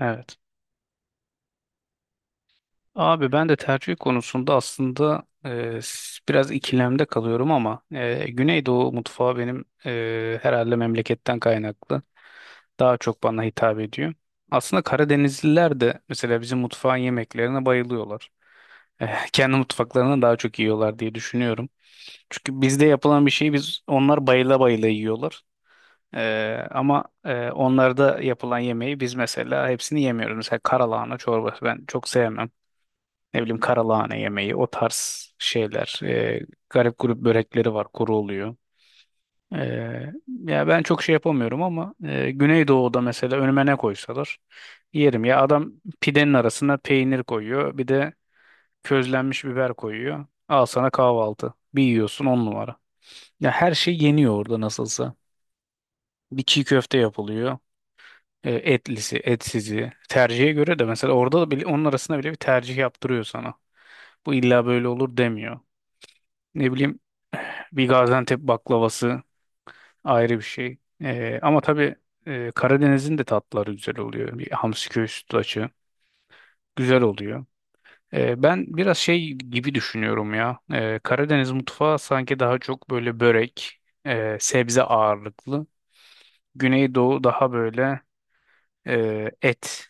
Evet. Abi ben de tercih konusunda aslında biraz ikilemde kalıyorum ama Güneydoğu mutfağı benim, herhalde memleketten kaynaklı daha çok bana hitap ediyor. Aslında Karadenizliler de mesela bizim mutfağın yemeklerine bayılıyorlar. E, kendi mutfaklarını daha çok yiyorlar diye düşünüyorum. Çünkü bizde yapılan bir şeyi biz onlar bayıla bayıla yiyorlar. E, ama onlarda yapılan yemeği biz mesela hepsini yemiyoruz. Mesela karalahana çorbası ben çok sevmem. Ne bileyim karalahane yemeği, o tarz şeyler. Garip grup börekleri var, kuru oluyor. Ee, ya ben çok şey yapamıyorum ama, Güneydoğu'da mesela önüme ne koysalar yerim. Ya adam pidenin arasına peynir koyuyor, bir de közlenmiş biber koyuyor. Al sana kahvaltı. Bir yiyorsun on numara. Ya her şey yeniyor orada nasılsa. Bir çiğ köfte yapılıyor. Etlisi, etsizi. Tercihe göre de mesela orada da bile, onun arasında bile bir tercih yaptırıyor sana. Bu illa böyle olur demiyor. Ne bileyim, bir Gaziantep baklavası ayrı bir şey. Ama tabii, Karadeniz'in de tatlıları güzel oluyor. Bir hamsi köy sütlaçı güzel oluyor. Ben biraz şey gibi düşünüyorum ya. Karadeniz mutfağı sanki daha çok böyle börek, sebze ağırlıklı. Güneydoğu daha böyle et,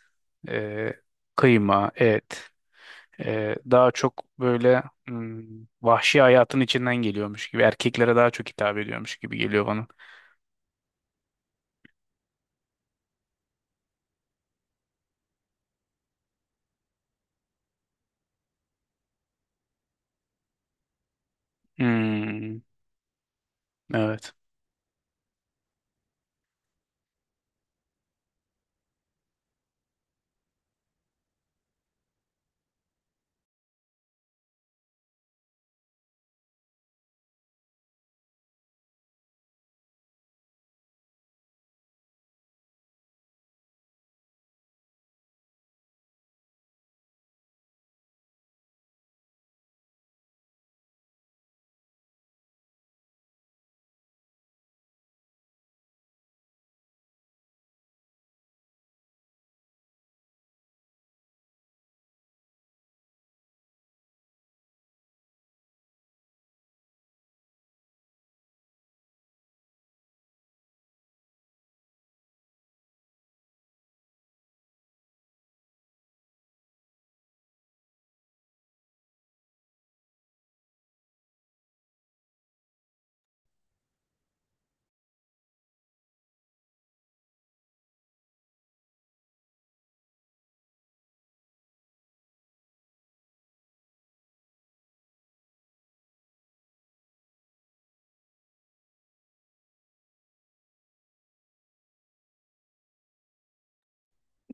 e, kıyma, et. Daha çok böyle hmm, vahşi hayatın içinden geliyormuş gibi. Erkeklere daha çok hitap ediyormuş gibi geliyor bana. Hmm. Evet.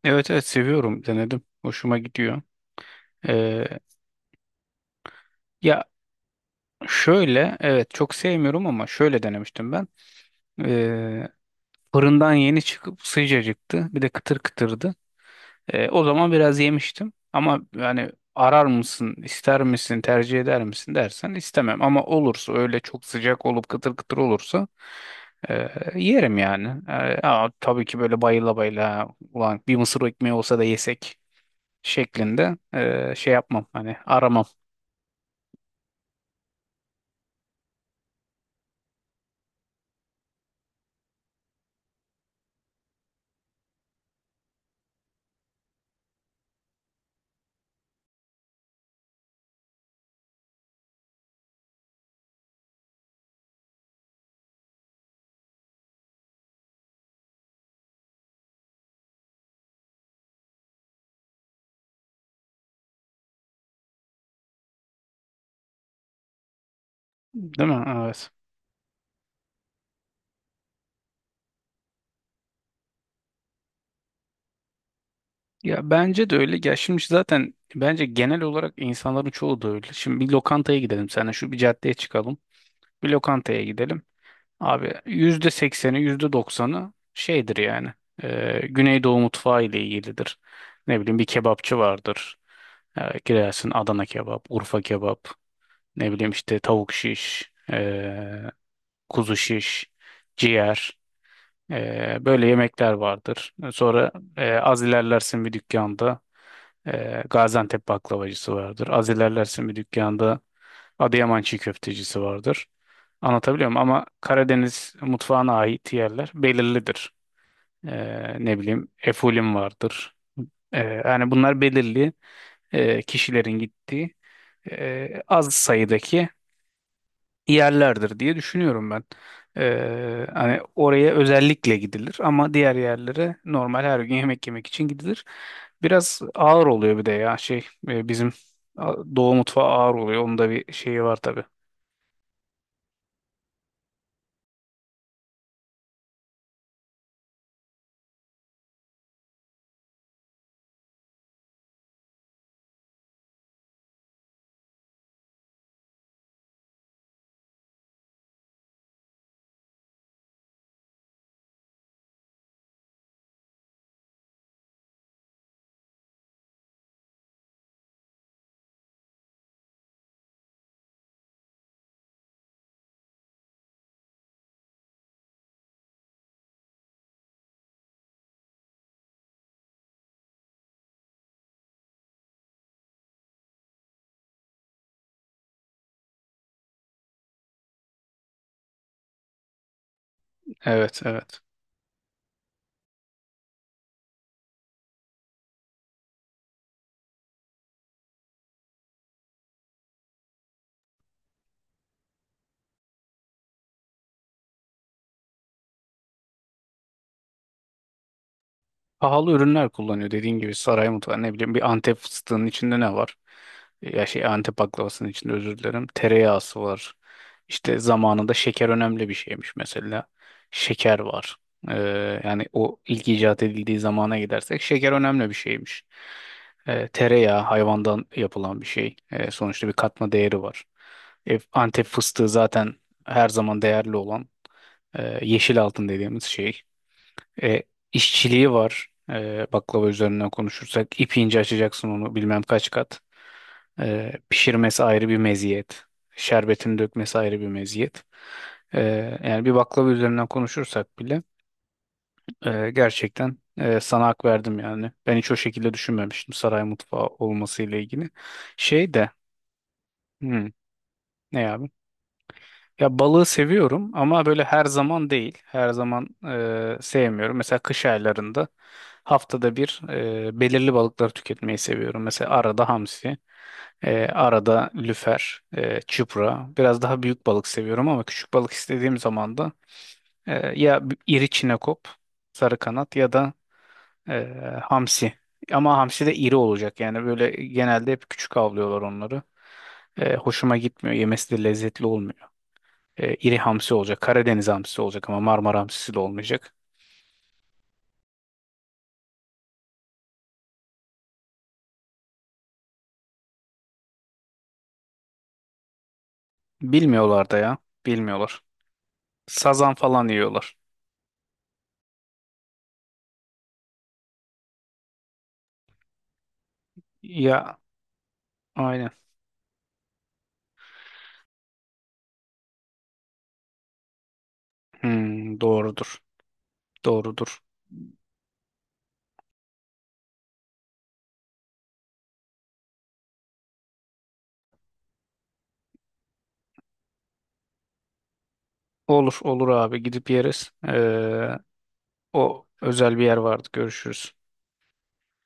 Evet, evet, seviyorum, denedim. Hoşuma gidiyor. Ee, ya şöyle, evet, çok sevmiyorum ama şöyle denemiştim ben. Ee, Fırından yeni çıkıp sıcacıktı. Bir de kıtır kıtırdı. O zaman biraz yemiştim. Ama yani arar mısın, ister misin, tercih eder misin dersen istemem. Ama olursa öyle çok sıcak olup kıtır kıtır olursa ee, yerim yani. Ama tabii ki böyle bayıla bayıla ulan bir mısır ekmeği olsa da yesek şeklinde şey yapmam, hani aramam, değil mi? Evet. Ya bence de öyle. Ya şimdi zaten bence genel olarak insanların çoğu da öyle. Şimdi bir lokantaya gidelim seninle, şu bir caddeye çıkalım. Bir lokantaya gidelim. Abi %80'i, yüzde doksanı şeydir yani. Güneydoğu mutfağı ile ilgilidir. Ne bileyim bir kebapçı vardır. Girersin, Adana kebap, Urfa kebap, ne bileyim işte tavuk şiş, kuzu şiş, ciğer. Böyle yemekler vardır. Sonra az ilerlersin bir dükkanda Gaziantep baklavacısı vardır. Az ilerlersin bir dükkanda Adıyaman çiğ köftecisi vardır. Anlatabiliyor muyum? Ama Karadeniz mutfağına ait yerler belirlidir. Ne bileyim Efulim vardır. Ee, Yani bunlar belirli kişilerin gittiği, az sayıdaki yerlerdir diye düşünüyorum ben. Hani oraya özellikle gidilir ama diğer yerlere normal her gün yemek yemek için gidilir. Biraz ağır oluyor bir de, ya şey, bizim Doğu mutfağı ağır oluyor. Onun da bir şeyi var tabii. Evet, evet. Pahalı ürünler kullanıyor dediğin gibi saray mutfağı. Ne bileyim, bir Antep fıstığının içinde ne var? Ya şey, Antep baklavasının içinde, özür dilerim. Tereyağısı var. İşte zamanında şeker önemli bir şeymiş mesela. Şeker var. Yani o ilk icat edildiği zamana gidersek şeker önemli bir şeymiş. Tereyağı hayvandan yapılan bir şey. Sonuçta bir katma değeri var. Antep fıstığı zaten her zaman değerli olan, yeşil altın dediğimiz şey. E, işçiliği var. Baklava üzerinden konuşursak ip ince açacaksın onu bilmem kaç kat. Pişirmesi ayrı bir meziyet. Şerbetini dökmesi ayrı bir meziyet. E, Yani bir baklava üzerinden konuşursak bile gerçekten, sana hak verdim yani. Ben hiç o şekilde düşünmemiştim saray mutfağı olmasıyla ilgili. Şey de hmm, ne abi? Ya balığı seviyorum ama böyle her zaman değil. Her zaman sevmiyorum. Mesela kış aylarında haftada bir, belirli balıkları tüketmeyi seviyorum. Mesela arada hamsi, arada lüfer, çupra. Biraz daha büyük balık seviyorum ama küçük balık istediğim zaman da iri çinekop, sarı kanat ya da e, hamsi. Ama hamsi de iri olacak. Yani böyle genelde hep küçük avlıyorlar onları. Hoşuma gitmiyor. Yemesi de lezzetli olmuyor. İri hamsi olacak. Karadeniz hamsisi olacak ama Marmara hamsisi de olmayacak. Bilmiyorlar da ya. Bilmiyorlar. Sazan falan yiyorlar. Ya aynen. Hmm, doğrudur. Doğrudur. Olur, olur abi, gidip yeriz. O özel bir yer vardı. Görüşürüz.